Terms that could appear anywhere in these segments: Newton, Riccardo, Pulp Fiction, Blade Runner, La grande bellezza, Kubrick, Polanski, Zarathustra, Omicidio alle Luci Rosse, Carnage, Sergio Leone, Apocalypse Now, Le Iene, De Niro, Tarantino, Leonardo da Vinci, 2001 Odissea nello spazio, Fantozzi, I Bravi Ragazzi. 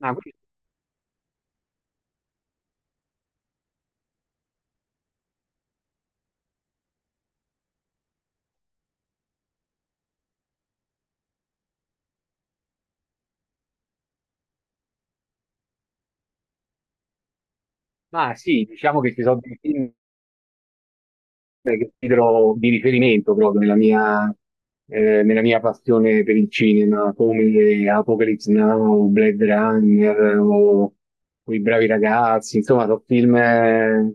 Ma, qui- ma sì, diciamo che ci sono dei film che considero di riferimento proprio nella nella mia passione per il cinema, come Apocalypse Now, Blade Runner o I Bravi Ragazzi, insomma, sono film,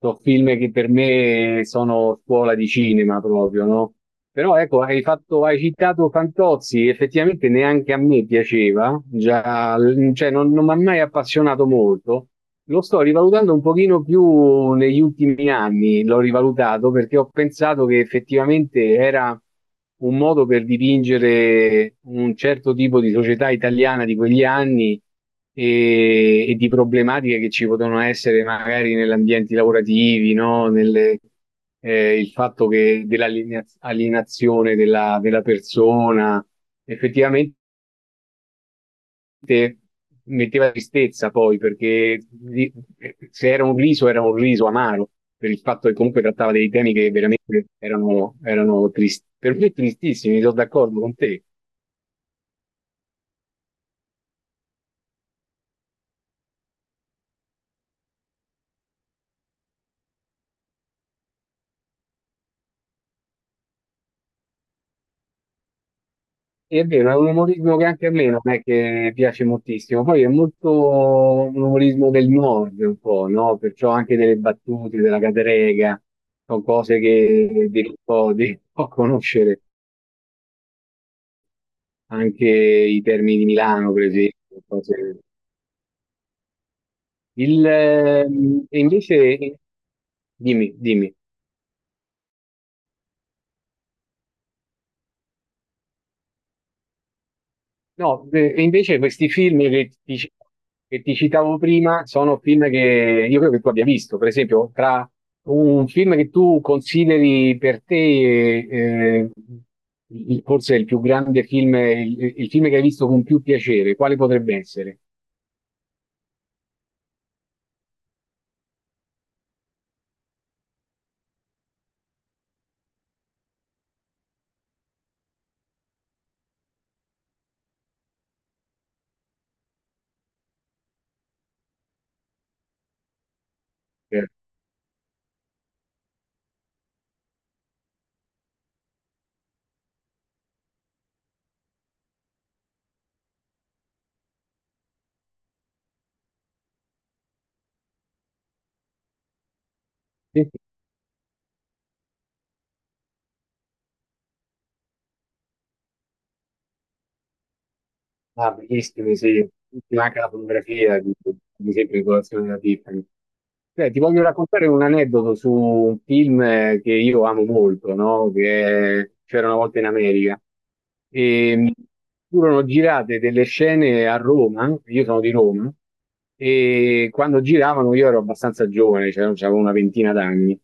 sono film che per me sono scuola di cinema proprio, no? Però ecco, hai citato Fantozzi, effettivamente neanche a me piaceva, già, cioè non mi ha mai appassionato molto. Lo sto rivalutando un pochino più negli ultimi anni, l'ho rivalutato perché ho pensato che effettivamente era un modo per dipingere un certo tipo di società italiana di quegli anni e di problematiche che ci potevano essere magari negli ambienti lavorativi, no? Il fatto che dell'alienazione della persona, effettivamente metteva tristezza poi perché se era un riso era un riso amaro per il fatto che comunque trattava dei temi che veramente erano tristi. Per me tristissimi, sono d'accordo con te. E è vero, è un umorismo che anche a me non è che piace moltissimo. Poi è molto un umorismo del nord, un po', no? Perciò anche delle battute, della cadrega, sono cose che devi un po' conoscere. Anche i termini di Milano, per esempio, cose e invece, dimmi. No, e invece questi film che ti citavo prima sono film che io credo che tu abbia visto. Per esempio, tra un film che tu consideri per te, forse il più grande film, il film che hai visto con più piacere, quale potrebbe essere? Eh, sì? Ah, bellissimi, sì. Tutti anche la fotografia di sempre di colazione della Tiffany. Beh, ti voglio raccontare un aneddoto su un film che io amo molto, no? Che c'era una volta in America. E furono girate delle scene a Roma, io sono di Roma, e quando giravano io ero abbastanza giovane, cioè avevo una ventina d'anni.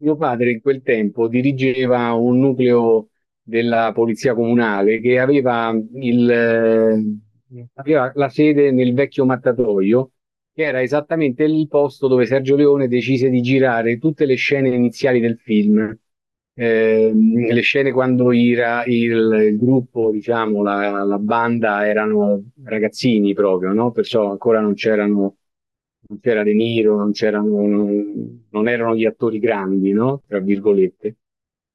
Mio padre in quel tempo dirigeva un nucleo della polizia comunale che aveva la sede nel vecchio mattatoio che era esattamente il posto dove Sergio Leone decise di girare tutte le scene iniziali del film. Le scene quando il gruppo, diciamo, la banda erano ragazzini proprio, no? Perciò ancora non c'era De Niro, non c'erano, non, non erano gli attori grandi, no? Tra virgolette.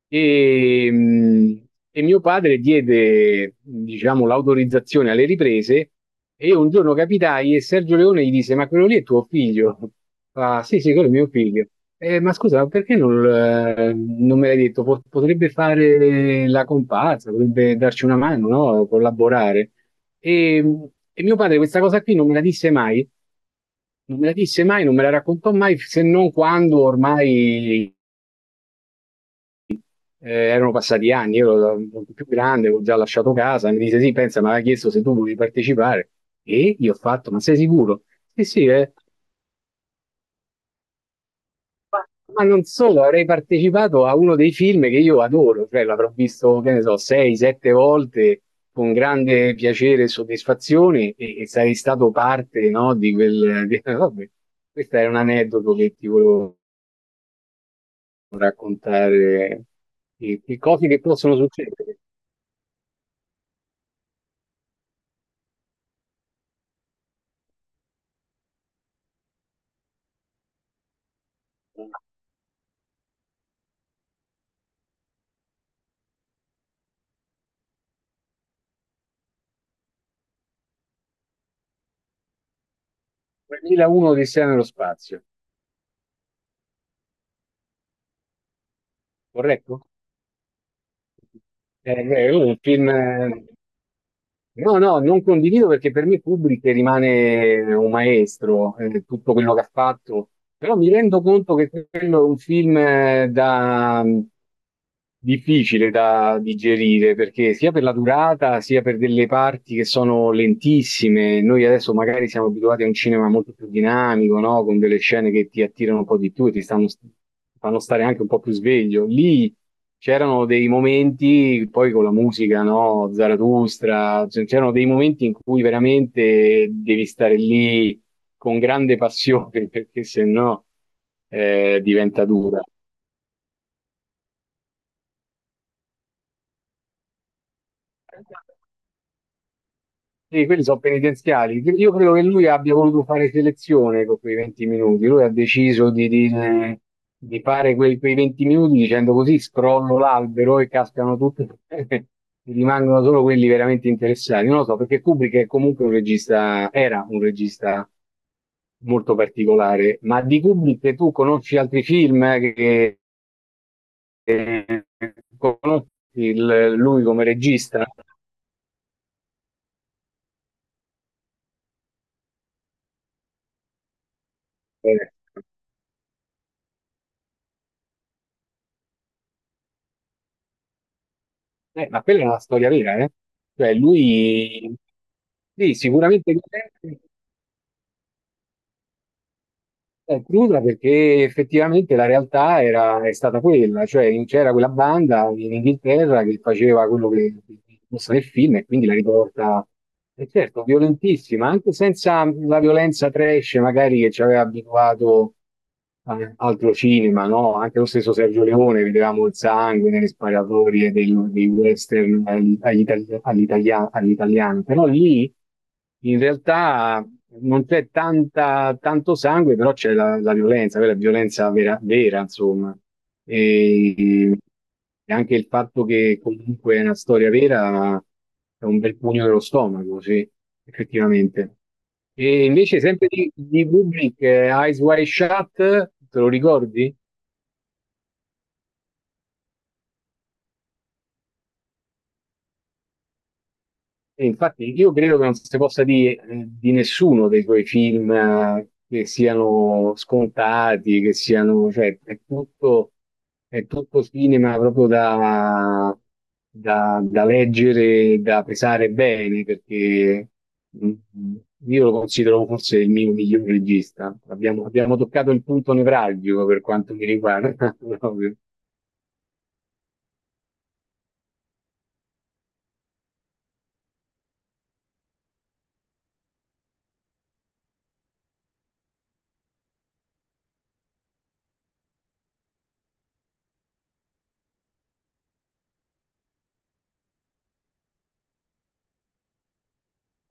E mio padre diede, diciamo, l'autorizzazione alle riprese e io un giorno capitai e Sergio Leone gli disse, ma quello lì è tuo figlio? Fa, sì, sì, quello è mio figlio. Ma scusa, ma perché non me l'hai detto? Potrebbe fare la comparsa, potrebbe darci una mano, no? Collaborare. E, e mio padre questa cosa qui non me la disse mai, non me la raccontò mai, se non quando ormai erano passati anni, io ero molto più grande, avevo già lasciato casa, mi disse sì, pensa, mi aveva chiesto se tu volevi partecipare e io ho fatto, ma sei sicuro? Sì, sì, eh. Ma, ma non solo, avrei partecipato a uno dei film che io adoro, cioè l'avrò visto, che ne so, sei, sette volte con grande piacere e soddisfazione e sarei stato parte, no, di quel... vabbè, questo è un aneddoto che ti volevo raccontare, e cose che possono succedere. 2001 Odissea nello spazio, corretto? Beh, è un film No, no, non condivido perché per me Kubrick rimane un maestro, tutto quello che ha fatto, però mi rendo conto che quello è un film difficile da digerire perché sia per la durata sia per delle parti che sono lentissime. Noi adesso magari siamo abituati a un cinema molto più dinamico, no? Con delle scene che ti attirano un po' di più e fanno stare anche un po' più sveglio. Lì c'erano dei momenti, poi con la musica, no? Zarathustra, cioè, c'erano dei momenti in cui veramente devi stare lì con grande passione, perché se no diventa dura. Sì, quelli sono penitenziali. Io credo che lui abbia voluto fare selezione con quei 20 minuti. Lui ha deciso di fare quei 20 minuti dicendo così scrollo l'albero e cascano tutti, e rimangono solo quelli veramente interessati. Non lo so, perché Kubrick è comunque un regista, era un regista molto particolare, ma di Kubrick tu conosci altri film, conosci lui come regista? Eh, ma quella è una storia vera, eh? Cioè lui, sì, sicuramente, è cruda perché effettivamente la realtà è stata quella, cioè c'era quella banda in Inghilterra che faceva quello che mostra nel film e quindi la riporta, e certo, violentissima, anche senza la violenza trash magari che ci aveva abituato a altro cinema, no? Anche lo stesso Sergio Leone, vedevamo il sangue nelle sparatorie dei western all'italiano, però lì. In realtà non c'è tanto sangue, però c'è la violenza, quella violenza vera, vera, insomma. E, e anche il fatto che comunque è una storia vera è un bel pugno dello stomaco, sì, effettivamente. E invece sempre di Kubrick, Eyes Wide Shut, te lo ricordi? E infatti io credo che non si possa dire di nessuno dei tuoi film che siano scontati, che siano, cioè, è tutto cinema proprio da, da leggere, da pesare bene, perché mm, mm, io lo considero forse il mio miglior regista. Abbiamo toccato il punto nevralgico per quanto mi riguarda, proprio.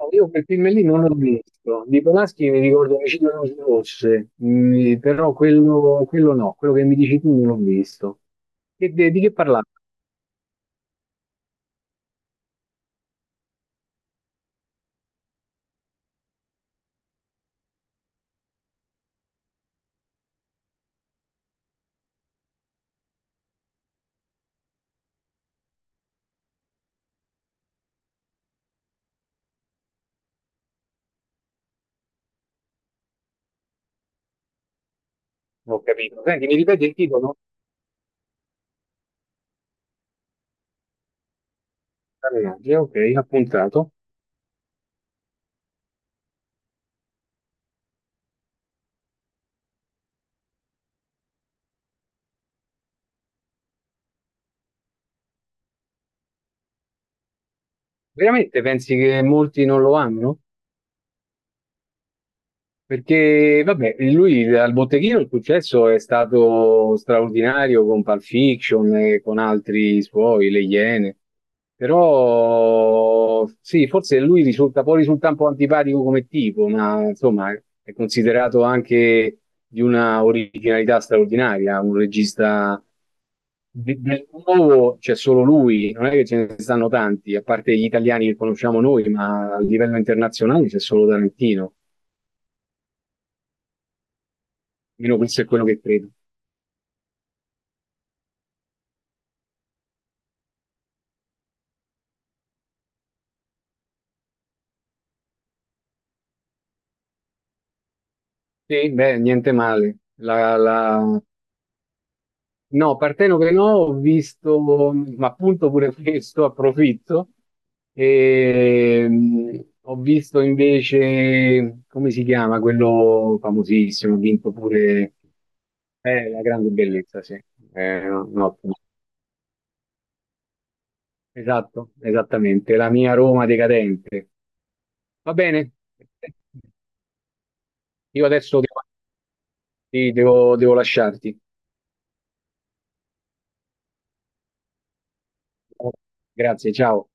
No, Io quel film lì non l'ho visto. Di Polanski mi ricordo Omicidio alle Luci Rosse, però quello no, quello che mi dici tu non l'ho visto. Di che parlava? Non Ho capito. Senti, mi ripeti il titolo? Carnage, ok, appuntato. Veramente pensi che molti non lo amano? Perché, vabbè, lui al botteghino il successo è stato straordinario con Pulp Fiction e con altri suoi, Le Iene. Però sì, forse lui può risultare un po' antipatico come tipo, ma insomma è considerato anche di una originalità straordinaria, un regista del nuovo c'è solo lui, non è che ce ne stanno tanti, a parte gli italiani che conosciamo noi, ma a livello internazionale c'è solo Tarantino. Almeno questo è quello che credo. Sì, beh, niente male. La... No, Parteno che no, ho visto, ma appunto pure questo, approfitto. E, ho visto invece, come si chiama, quello famosissimo, ha vinto pure La grande bellezza, sì. No, no, esatto, esattamente, la mia Roma decadente. Va bene, io adesso devo, sì, devo lasciarti. Grazie, ciao.